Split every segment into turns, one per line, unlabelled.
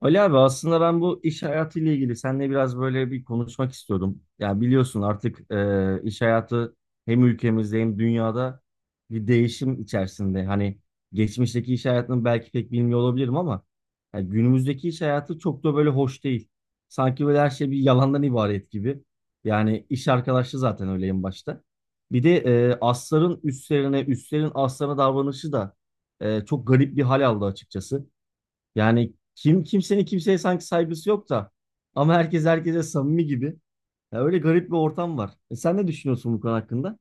Ali abi aslında ben bu iş hayatıyla ilgili seninle biraz böyle bir konuşmak istiyordum. Ya biliyorsun artık iş hayatı hem ülkemizde hem dünyada bir değişim içerisinde. Hani geçmişteki iş hayatını belki pek bilmiyor olabilirim ama ya günümüzdeki iş hayatı çok da böyle hoş değil. Sanki böyle her şey bir yalandan ibaret gibi. Yani iş arkadaşı zaten öyle en başta. Bir de asların üstlerine, üstlerin aslarına davranışı da çok garip bir hal aldı açıkçası. Yani kim kimsenin kimseye sanki saygısı yok da ama herkes herkese samimi gibi. Ya öyle garip bir ortam var. E sen ne düşünüyorsun bu konu hakkında?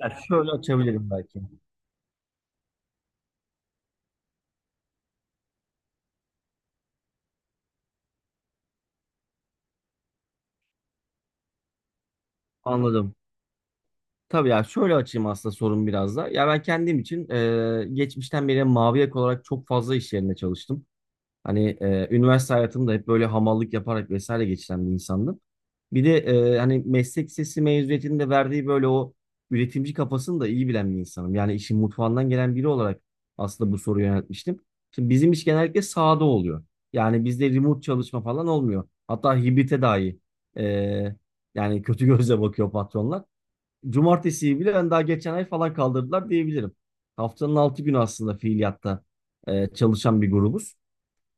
Ya şöyle açabilirim belki. Anladım. Tabii ya şöyle açayım aslında sorun biraz da. Ya ben kendim için geçmişten beri mavi yaka olarak çok fazla iş yerinde çalıştım. Hani üniversite hayatımda hep böyle hamallık yaparak vesaire geçiren bir insandım. Bir de hani meslek lisesi mezuniyetinde verdiği böyle o üretimci kafasını da iyi bilen bir insanım. Yani işin mutfağından gelen biri olarak aslında bu soruyu yöneltmiştim. Şimdi bizim iş genellikle sahada oluyor. Yani bizde remote çalışma falan olmuyor. Hatta hibrite dahi e, yani kötü gözle bakıyor patronlar. Cumartesiyi bile ben daha geçen ay falan kaldırdılar diyebilirim. Haftanın altı günü aslında fiiliyatta çalışan bir grubuz.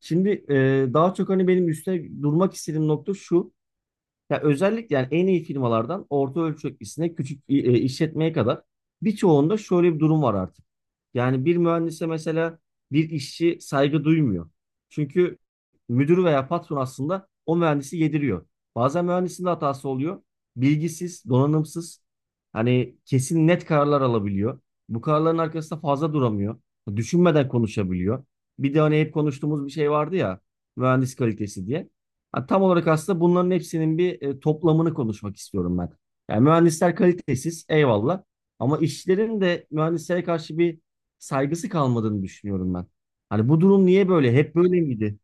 Şimdi daha çok hani benim üstte durmak istediğim nokta şu. Ya özellikle yani en iyi firmalardan orta ölçeklisine küçük işletmeye kadar birçoğunda şöyle bir durum var artık. Yani bir mühendise mesela bir işçi saygı duymuyor. Çünkü müdür veya patron aslında o mühendisi yediriyor. Bazen mühendisin de hatası oluyor. Bilgisiz, donanımsız, hani kesin net kararlar alabiliyor. Bu kararların arkasında fazla duramıyor. Düşünmeden konuşabiliyor. Bir de hani hep konuştuğumuz bir şey vardı ya, mühendis kalitesi diye. Ha, tam olarak aslında bunların hepsinin bir toplamını konuşmak istiyorum ben. Yani mühendisler kalitesiz, eyvallah. Ama işçilerin de mühendislere karşı bir saygısı kalmadığını düşünüyorum ben. Hani bu durum niye böyle? Hep böyle miydi?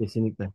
Kesinlikle.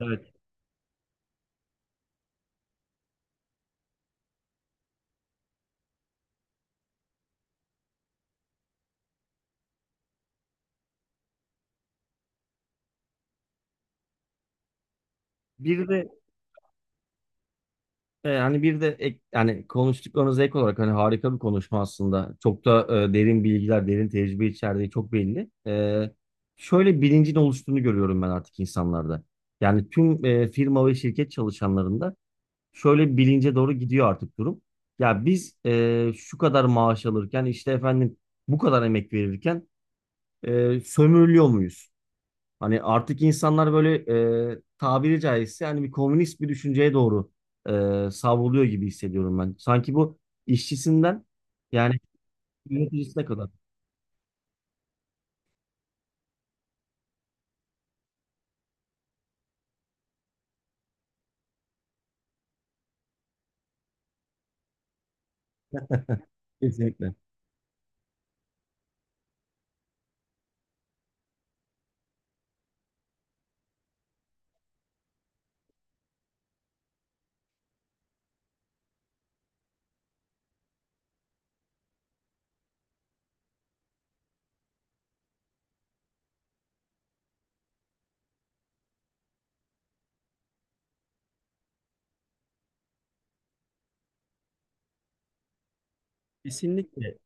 Evet. Bir de e, hani bir de ek, yani konuştuklarınıza ek olarak hani harika bir konuşma aslında. Çok da derin bilgiler, derin tecrübe içerdiği çok belli. Şöyle bilincin oluştuğunu görüyorum ben artık insanlarda. Yani tüm firma ve şirket çalışanlarında şöyle bir bilince doğru gidiyor artık durum. Ya biz şu kadar maaş alırken işte efendim bu kadar emek verirken sömürülüyor muyuz? Hani artık insanlar böyle tabiri caizse hani bir komünist bir düşünceye doğru savruluyor gibi hissediyorum ben. Sanki bu işçisinden yani yöneticisine kadar. Kesinlikle. Kesinlikle.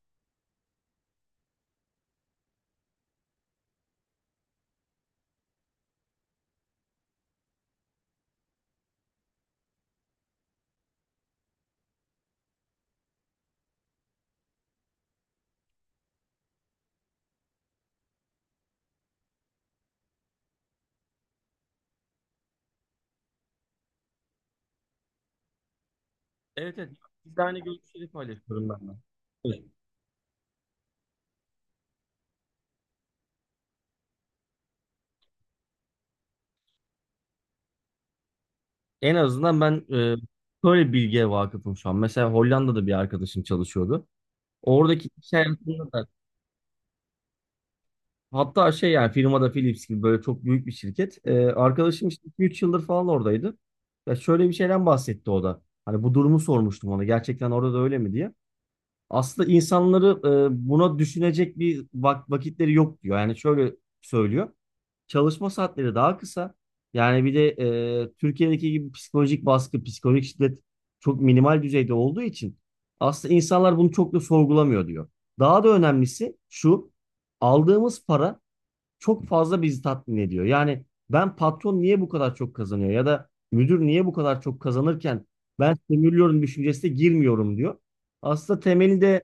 Evet, evet. Biz de aynı görüşleri paylaşıyorum ben de. En azından ben e, böyle bir bilgiye vakıfım şu an. Mesela Hollanda'da bir arkadaşım çalışıyordu. Oradaki iş hayatında da hatta şey yani firmada Philips gibi böyle çok büyük bir şirket. E, arkadaşım işte 3 yıldır falan oradaydı. Ya şöyle bir şeyden bahsetti o da. Hani bu durumu sormuştum ona. Gerçekten orada da öyle mi diye aslında insanları buna düşünecek vakitleri yok diyor. Yani şöyle söylüyor. Çalışma saatleri daha kısa. Yani bir de Türkiye'deki gibi psikolojik baskı, psikolojik şiddet çok minimal düzeyde olduğu için aslında insanlar bunu çok da sorgulamıyor diyor. Daha da önemlisi şu, aldığımız para çok fazla bizi tatmin ediyor. Yani ben patron niye bu kadar çok kazanıyor ya da müdür niye bu kadar çok kazanırken ben sömürüyorum düşüncesine girmiyorum diyor. Aslında temelinde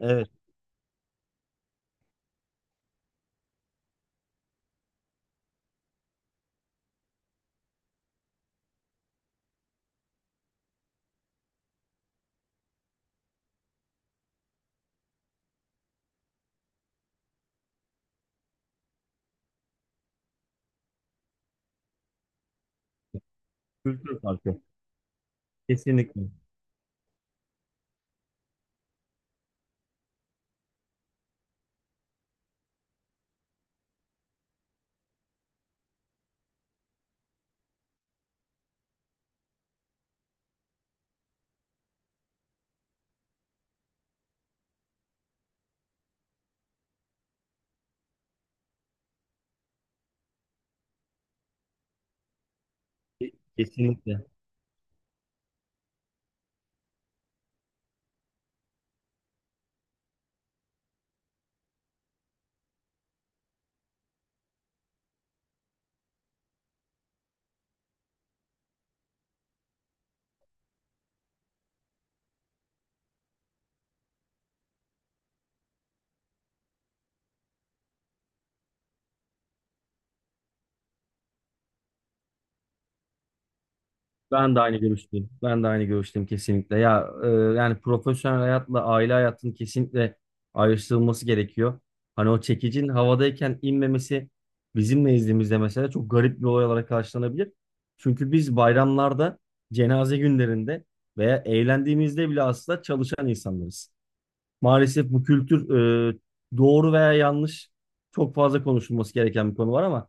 evet, kültür farkı. Kesinlikle. Kesinlikle. Ben de aynı görüşteyim. Ben de aynı görüşteyim kesinlikle. Ya yani profesyonel hayatla aile hayatının kesinlikle ayrıştırılması gerekiyor. Hani o çekicin havadayken inmemesi bizim nezdimizde mesela çok garip bir olay olarak karşılanabilir. Çünkü biz bayramlarda, cenaze günlerinde veya eğlendiğimizde bile aslında çalışan insanlarız. Maalesef bu kültür e, doğru veya yanlış çok fazla konuşulması gereken bir konu var ama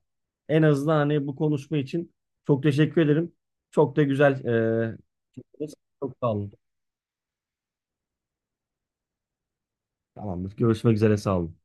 en azından hani bu konuşma için çok teşekkür ederim. Çok da güzel. Çok sağ olun. Tamamdır. Görüşmek üzere. Sağ olun.